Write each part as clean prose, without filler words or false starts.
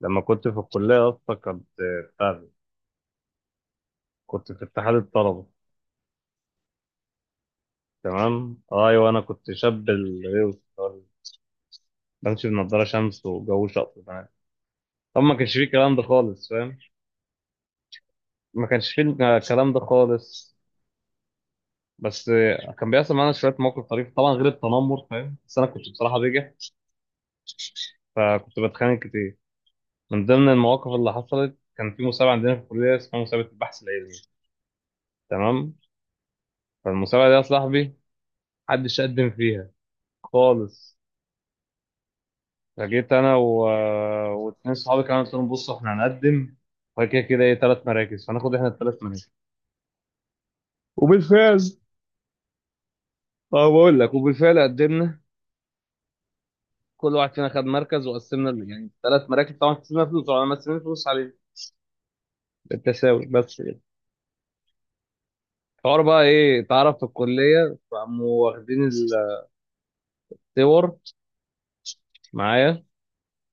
لما كنت في الكلية أصلا كنت بتاع ده، كنت في اتحاد الطلبة تمام أيوة أنا كنت شاب الغيوص بمشي بنضارة شمس وجو شقط معايا. طب ما كانش فيه الكلام ده خالص فاهم؟ ما كانش فيه الكلام ده خالص بس. كان بيحصل معانا شوية مواقف طريفة طبعا غير التنمر فاهم، بس أنا كنت بصراحة بجح فكنت بتخانق كتير. من ضمن المواقف اللي حصلت كان في مسابقة عندنا في الكلية اسمها مسابقة البحث العلمي، تمام؟ فالمسابقة دي يا صاحبي محدش قدم فيها خالص. فجيت انا واتنين صحابي كمان قلت لهم بصوا احنا هنقدم وبعد كده كده ايه ثلاث مراكز فناخد احنا الثلاث مراكز. وبالفعل، اه بقول لك، وبالفعل قدمنا كل واحد فينا خد مركز وقسمنا يعني ثلاث مراكز طبعا قسمنا فلوس، طبعا مقسمين فلوس عليه بالتساوي بس كده. الحوار بقى ايه اتعرف في الكليه فقاموا واخدين الصور معايا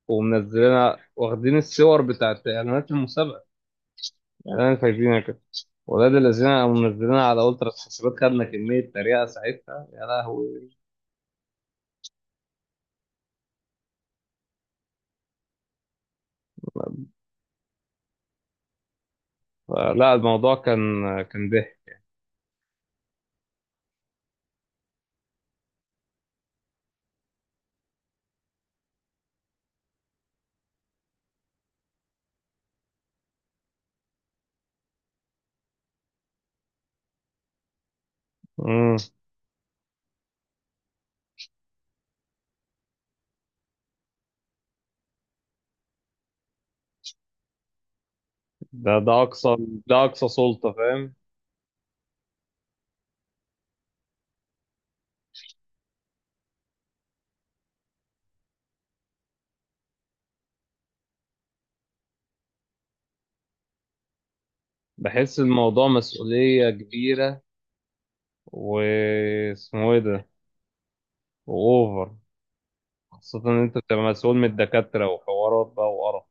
ومنزلينها، واخدين الصور بتاعت اعلانات المسابقه اعلان فايزينها كده. ولاد الذين قاموا منزلينها على الترا حسابات، خدنا كميه تريقه ساعتها يا لهوي. لا الموضوع كان كان ضحك. مم. ده اقصى سلطة فاهم. بحس الموضوع مسؤولية كبيرة واسمه ايه ده، واوفر، خاصة ان انت بتبقى مسؤول من الدكاترة وحوارات بقى وقرف.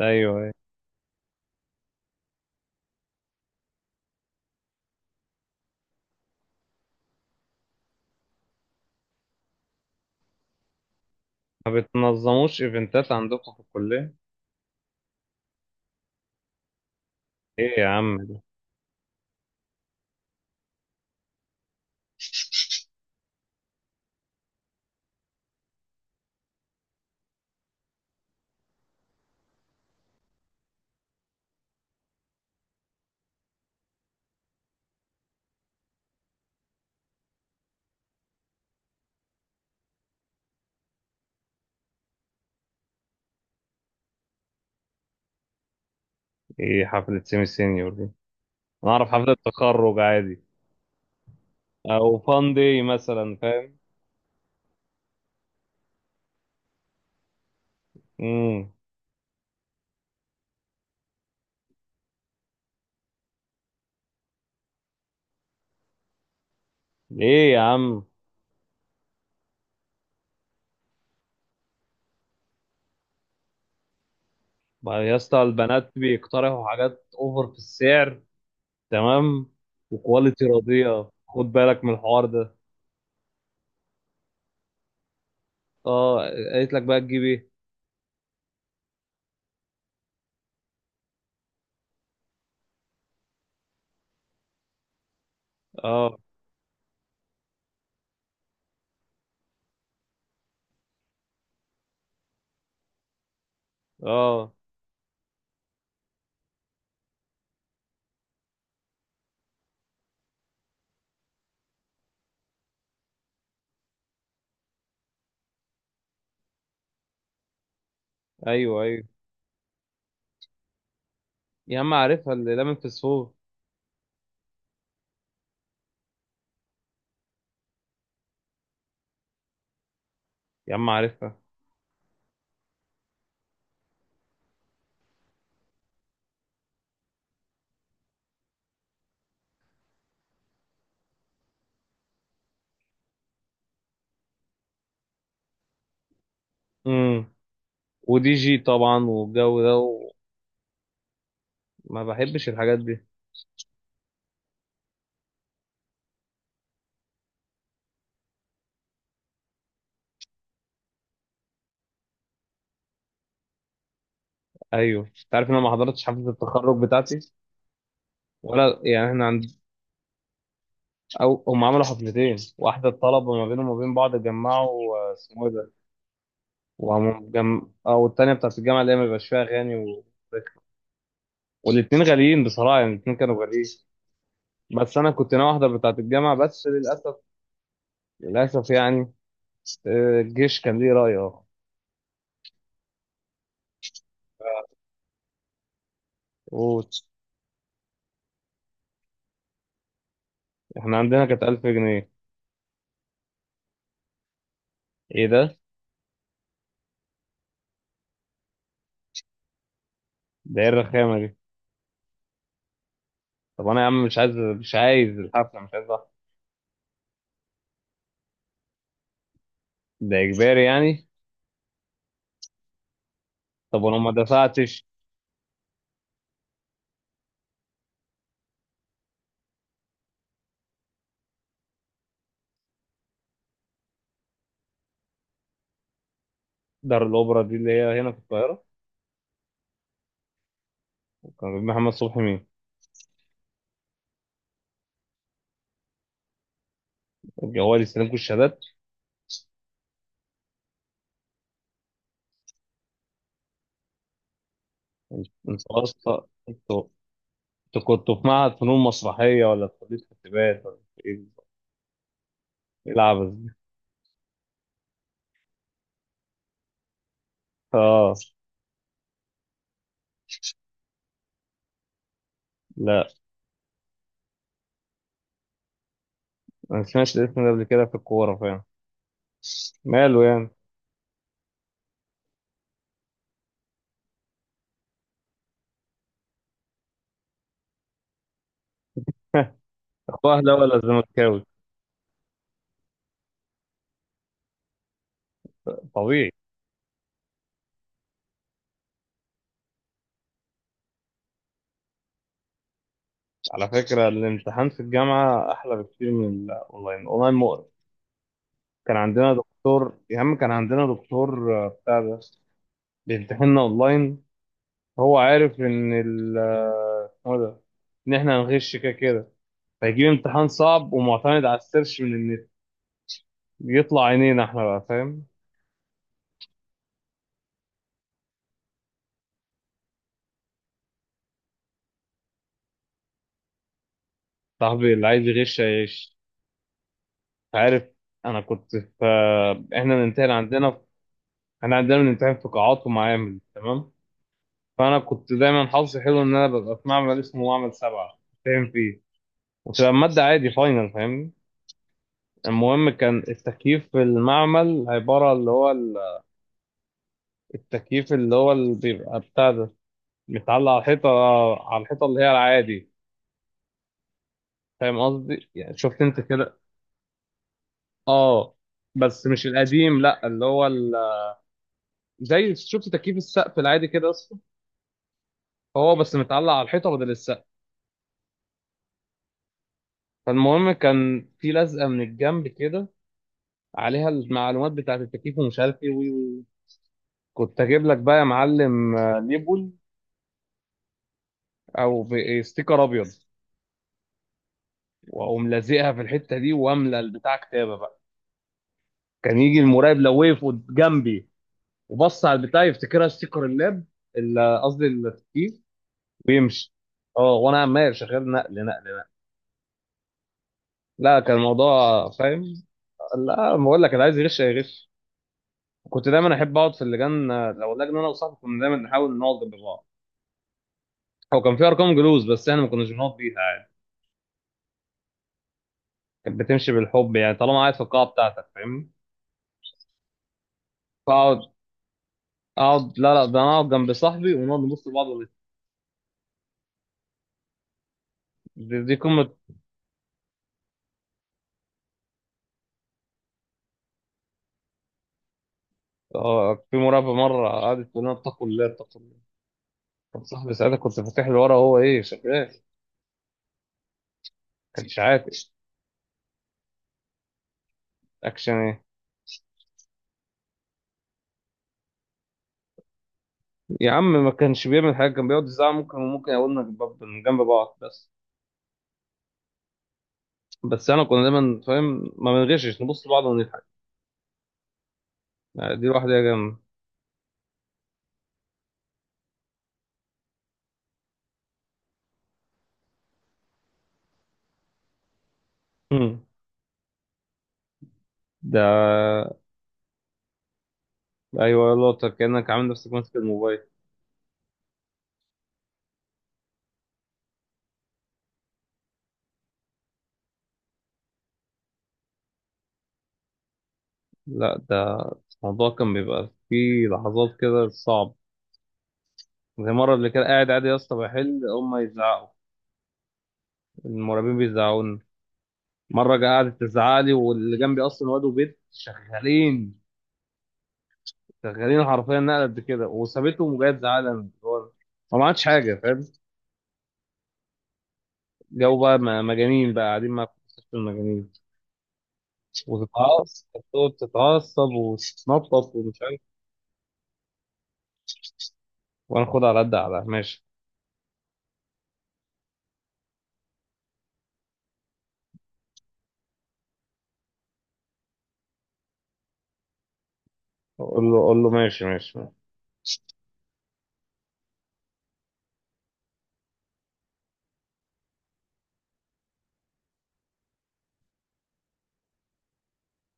ايوه، ايوه. ما بتنظموش ايفنتات عندكم في الكلية؟ ايه يا عم ده؟ ايه حفلة سيمي سينيور دي؟ انا اعرف حفلة تخرج عادي او فان دي مثلا، فاهم؟ امم. ايه يا عم؟ بقى يا اسطى البنات بيقترحوا حاجات اوفر في السعر؟ تمام. وكواليتي راضيه، خد بالك من الحوار ده. اه. قالت لك بقى تجيب ايه؟ اه. اه. ايوه، ايوه. يا عم عارفها اللي لمن في السوق. يا عم عارفها. امم. ودي جي طبعا والجو ده، وما بحبش الحاجات دي. ايوه انت عارف ان انا ما حضرتش حفله التخرج بتاعتي؟ ولا يعني احنا عند، او هم عملوا حفلتين: واحده الطلبه ما بينهم وما بين بعض جمعوا اسمه ايه ده وقاموا او التانيه بتاعت الجامعه اللي هي ما بيبقاش فيها اغاني والاتنين غاليين بصراحة، يعني الاتنين كانوا غاليين. بس أنا كنت ناوي أحضر بتاعة الجامعة بس للأسف، للأسف يعني، الجيش كان ليه رأي أه. قول. إحنا عندنا كانت 1000 جنيه. إيه ده؟ ده إيه الرخامة دي؟ طب أنا يا عم مش عايز، مش عايز الحفلة، مش عايز أحضر. ده إجباري يعني؟ طب أنا ما دفعتش. دار الأوبرا دي اللي هي هنا في القاهرة؟ كان بيجيب محمد صبحي مين؟ الجوال يستلمكوا الشهادات؟ أنت أصلا أنتوا، أنتوا كنتوا في معهد فنون مسرحية ولا في كلية حسابات ولا في إيه؟ إيه العبث ده؟ آه. لا ما سمعتش الاسم ده قبل كده في الكورة فاهم. ماله يعني. اخوه اهلاوي ولا زملكاوي؟ طبيعي. على فكرة الامتحان في الجامعة احلى بكتير من الاونلاين، الاونلاين مقرف. كان عندنا دكتور يا عم، كان عندنا دكتور بتاع ده بيمتحننا اونلاين. هو عارف ان ال آه، اسمه ده، ان احنا هنغش كده كده، فيجيب امتحان صعب ومعتمد على السيرش من النت. بيطلع عينينا احنا بقى فاهم. صاحبي اللي عايز يغش هيغش. عارف. انا كنت في، احنا بنمتحن عندنا في... احنا عندنا بنمتحن في قاعات ومعامل، تمام؟ فانا كنت دايما حظي حلو ان انا ببقى في معمل اسمه معمل سبعة فاهم فيه، وتبقى المادة عادي فاينل فاهمني. المهم كان التكييف في المعمل عبارة اللي هو التكييف اللي هو اللي بيبقى بتاع ده متعلق على الحيطة، على الحيطة اللي هي العادي. فاهم قصدي يعني؟ شفت انت كده؟ اه. بس مش القديم، لا اللي هو ال... زي شفت تكييف السقف العادي كده، هو بس متعلق على الحيطه بدل السقف. فالمهم كان في لزقه من الجنب كده عليها المعلومات بتاعه التكييف ومش عارف ايه وي وي. كنت اجيب لك بقى يا معلم ليبل او ب- إيه، ستيكر ابيض، واقوم لازقها في الحته دي واملى البتاع كتابه بقى. كان يجي المراقب لو وقف جنبي وبص على البتاع يفتكرها ستيكر اللاب، قصدي التكييف، ويمشي. اه وانا عمال شغال نقل نقل نقل. لا كان الموضوع فاهم. لا بقول لك اللي عايز يغش هيغش. كنت دايما احب اقعد في اللجان، لو اللجنه انا وصاحبي كنا دايما نحاول نقعد جنب بعض. هو كان في ارقام جلوس بس احنا ما كناش بنقعد بيها عادي، كانت بتمشي بالحب يعني، طالما قاعد في القاعه بتاعتك فاهمني. فاقعد، اقعد، لا لا ده انا اقعد جنب صاحبي ونقعد نبص لبعض دي قمه. اه في مراقبه مره قعدت تقول لنا اتقوا الله، اتقوا الله. كان صاحبي ساعتها كنت فاتح له ورا، هو ايه شغال؟ كانش عاطش. اكشن ايه؟ يا عم ما كانش بيعمل حاجه، كان بيقعد يزعق. ممكن وممكن يقولنا جنب جنب بعض بس. بس انا كنا دايما فاهم ما بنغشش، نبص لبعض، دي لوحدها جامدة. مم. ده أيوة يلا، طب كأنك عامل نفسك ماسك الموبايل. لا ده الموضوع كان بيبقى فيه لحظات كده صعب. زي مرة اللي كان قاعد عادي يا اسطى بحل هما يزعقوا، المراقبين بيزعقوني. مرة قعدت تزعق لي واللي جنبي أصلا واد وبنت شغالين، شغالين حرفيا نقلة قد كده، وسابتهم وجاية تزعق لي أنا. هو ما عملتش حاجة فاهم. جو بقى مجانين بقى، قاعدين مع في مستشفى المجانين. وتتعصب، تقعد تتعصب وتتنطط ومش عارف، وانا خد على قد على ماشي. قول له قول له ماشي ماشي.